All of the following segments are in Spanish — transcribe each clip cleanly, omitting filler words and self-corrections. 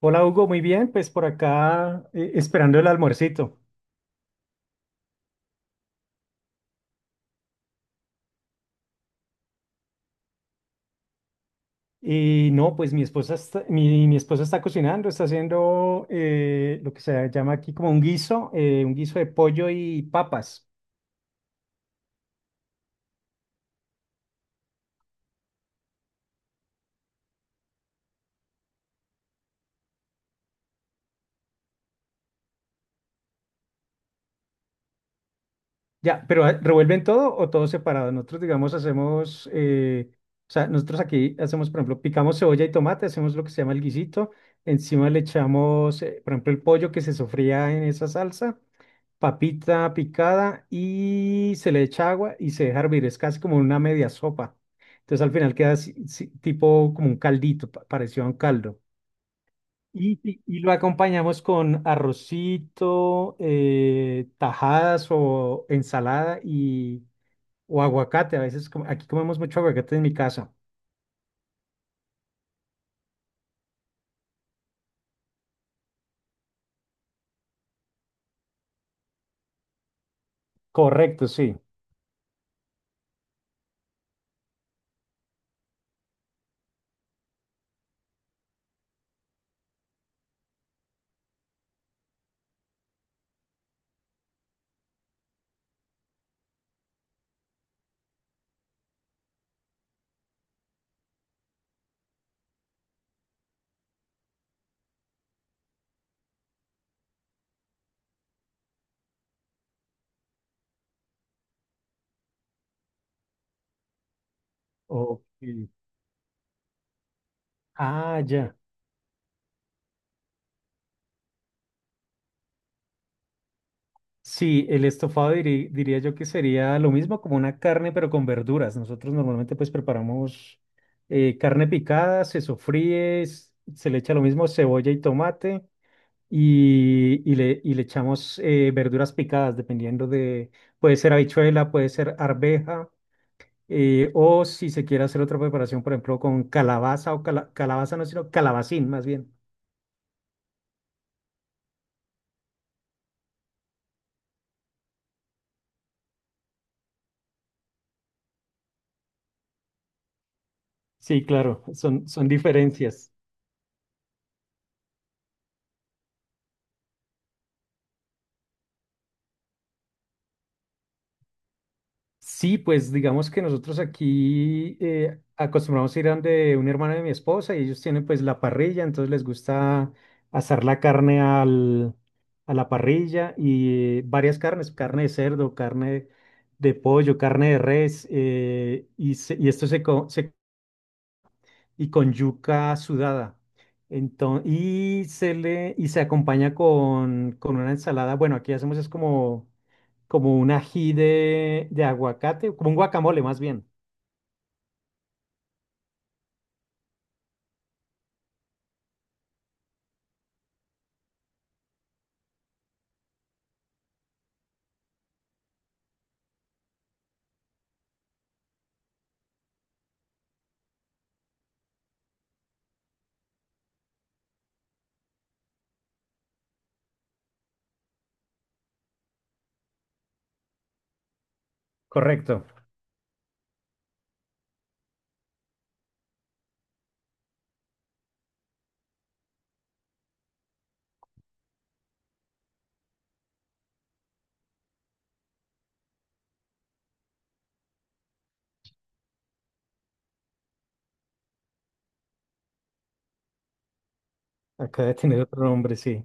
Hola Hugo, muy bien, pues por acá esperando el almuercito. Y no, pues mi esposa está, mi esposa está cocinando, está haciendo lo que se llama aquí como un guiso de pollo y papas. Ya, pero ¿revuelven todo o todo separado? Nosotros, digamos, hacemos, o sea, nosotros aquí hacemos, por ejemplo, picamos cebolla y tomate, hacemos lo que se llama el guisito, encima le echamos, por ejemplo, el pollo que se sofría en esa salsa. Papita picada y se le echa agua y se deja hervir. Es casi como una media sopa. Entonces al final queda así, sí, tipo como un caldito, parecido a un caldo. Y lo acompañamos con arrocito, tajadas o ensalada y, o aguacate. A veces aquí comemos mucho aguacate en mi casa. Correcto, sí. Ok. Ah, ya. Sí, el estofado diría yo que sería lo mismo como una carne, pero con verduras. Nosotros normalmente pues preparamos carne picada, se sofríe, se le echa lo mismo cebolla y tomate y, y le echamos verduras picadas, dependiendo de, puede ser habichuela, puede ser arveja, o si se quiere hacer otra preparación, por ejemplo, con calabaza o calabaza no, sino calabacín más bien. Sí, claro, son diferencias. Sí, pues digamos que nosotros aquí acostumbramos a ir a donde un hermano de mi esposa y ellos tienen pues la parrilla, entonces les gusta asar la carne al, a la parrilla y varias carnes, carne de cerdo, carne de pollo, carne de res, y esto se y con yuca sudada. Entonces, y se acompaña con una ensalada. Bueno, aquí hacemos es como, como un ají de aguacate, como un guacamole más bien. Correcto. Acá de tener otro nombre, sí.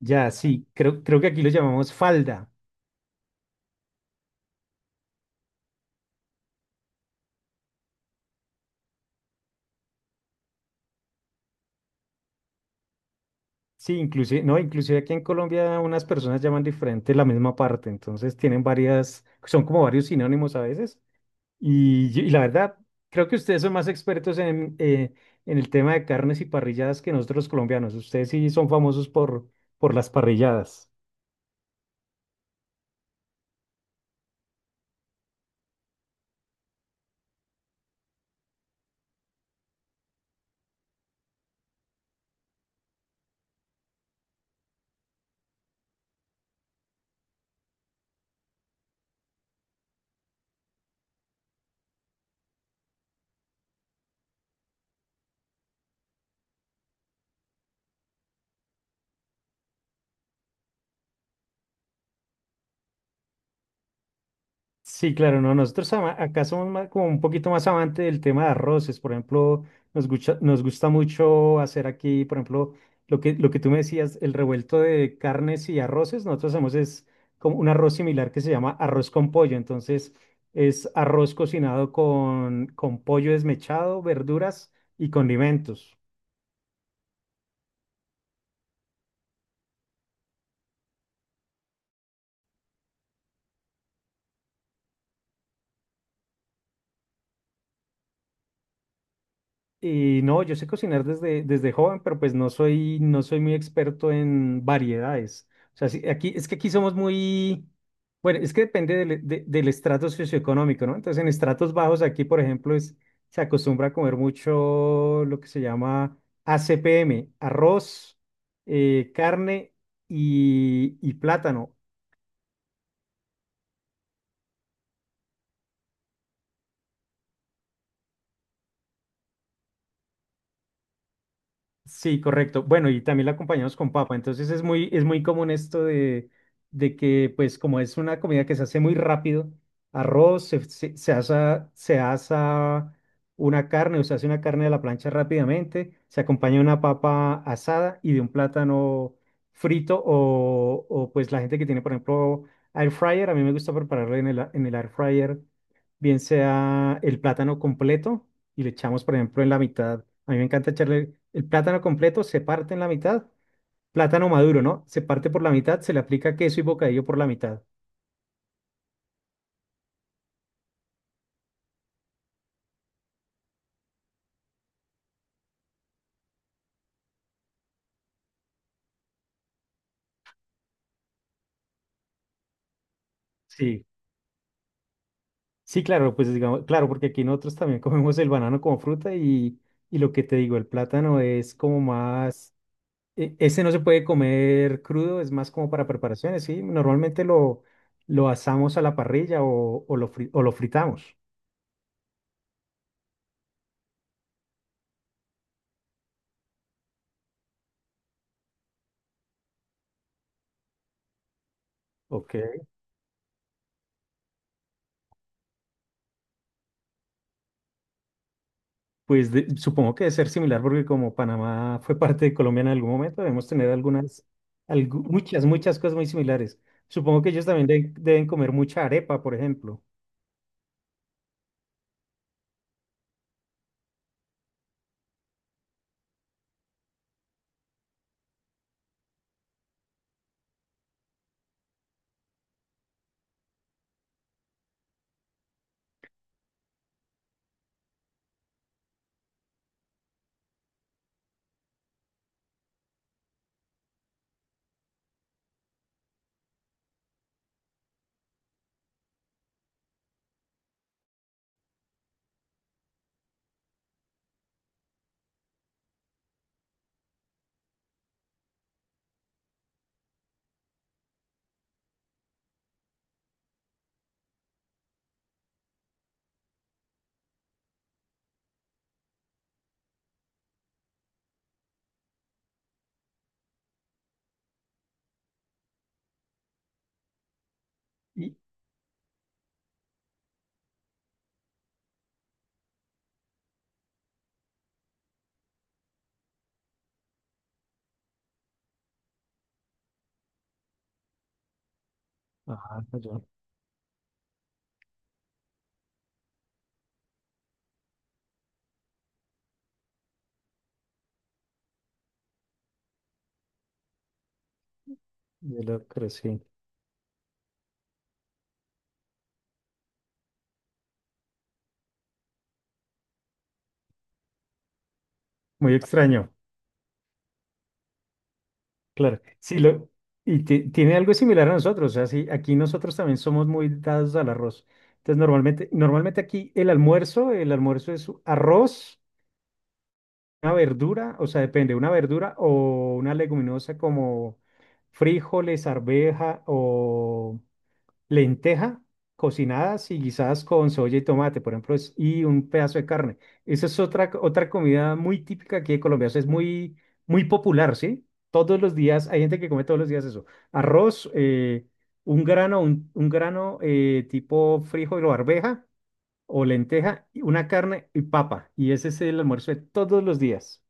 Ya, sí, creo que aquí lo llamamos falda. Sí, inclusive, no, inclusive aquí en Colombia unas personas llaman diferente la misma parte, entonces tienen varias, son como varios sinónimos a veces. Y la verdad, creo que ustedes son más expertos en el tema de carnes y parrilladas que nosotros los colombianos. Ustedes sí son famosos por las parrilladas. Sí, claro, no, nosotros acá somos más, como un poquito más amante del tema de arroces, por ejemplo, nos gusta mucho hacer aquí, por ejemplo, lo que tú me decías, el revuelto de carnes y arroces, nosotros hacemos es como un arroz similar que se llama arroz con pollo, entonces es arroz cocinado con pollo desmechado, verduras y condimentos. Y no, yo sé cocinar desde joven, pero pues no soy muy experto en variedades. O sea, sí, aquí, es que aquí somos muy, bueno, es que depende del estrato socioeconómico, ¿no? Entonces, en estratos bajos aquí, por ejemplo, es, se acostumbra a comer mucho lo que se llama ACPM, arroz, carne y plátano. Sí, correcto. Bueno, y también la acompañamos con papa. Entonces es muy común esto de que, pues, como es una comida que se hace muy rápido, arroz, se asa una carne o se hace una carne de la plancha rápidamente, se acompaña de una papa asada y de un plátano frito o pues la gente que tiene, por ejemplo, air fryer. A mí me gusta prepararlo en en el air fryer bien sea el plátano completo y le echamos, por ejemplo, en la mitad. A mí me encanta echarle el plátano completo, se parte en la mitad, plátano maduro, ¿no? Se parte por la mitad, se le aplica queso y bocadillo por la mitad. Sí, sí, claro, pues digamos, claro, porque aquí nosotros también comemos el banano como fruta y lo que te digo, el plátano es como más, ese no se puede comer crudo, es más como para preparaciones, ¿sí? Normalmente lo asamos a la parrilla o lo, o lo fritamos. Ok. Pues supongo que debe ser similar porque como Panamá fue parte de Colombia en algún momento, debemos tener algunas, muchas, muchas cosas muy similares. Supongo que ellos también deben comer mucha arepa, por ejemplo. Y, ah, yo lo creo, sí. Muy extraño, claro. Sí, lo, y tiene algo similar a nosotros, o sea, sí, aquí nosotros también somos muy dados al arroz. Entonces, normalmente aquí el almuerzo es arroz. Una verdura, o sea, depende, una verdura o una leguminosa como frijoles, arveja o lenteja cocinadas y guisadas con soya y tomate, por ejemplo, y un pedazo de carne. Esa es otra, otra comida muy típica aquí de Colombia, o sea, es muy, muy popular, ¿sí? Todos los días, hay gente que come todos los días eso. Arroz, un grano, un grano tipo frijol o arveja o lenteja, y una carne y papa. Y ese es el almuerzo de todos los días.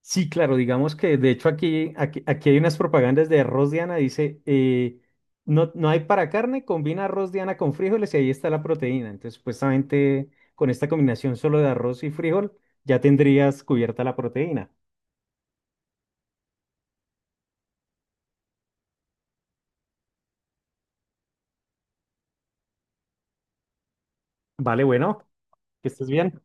Sí, claro, digamos que de hecho aquí hay unas propagandas de arroz Diana, dice, no, no hay para carne, combina arroz Diana con frijoles y ahí está la proteína. Entonces, supuestamente con esta combinación solo de arroz y frijol, ya tendrías cubierta la proteína. Vale, bueno, que estés bien.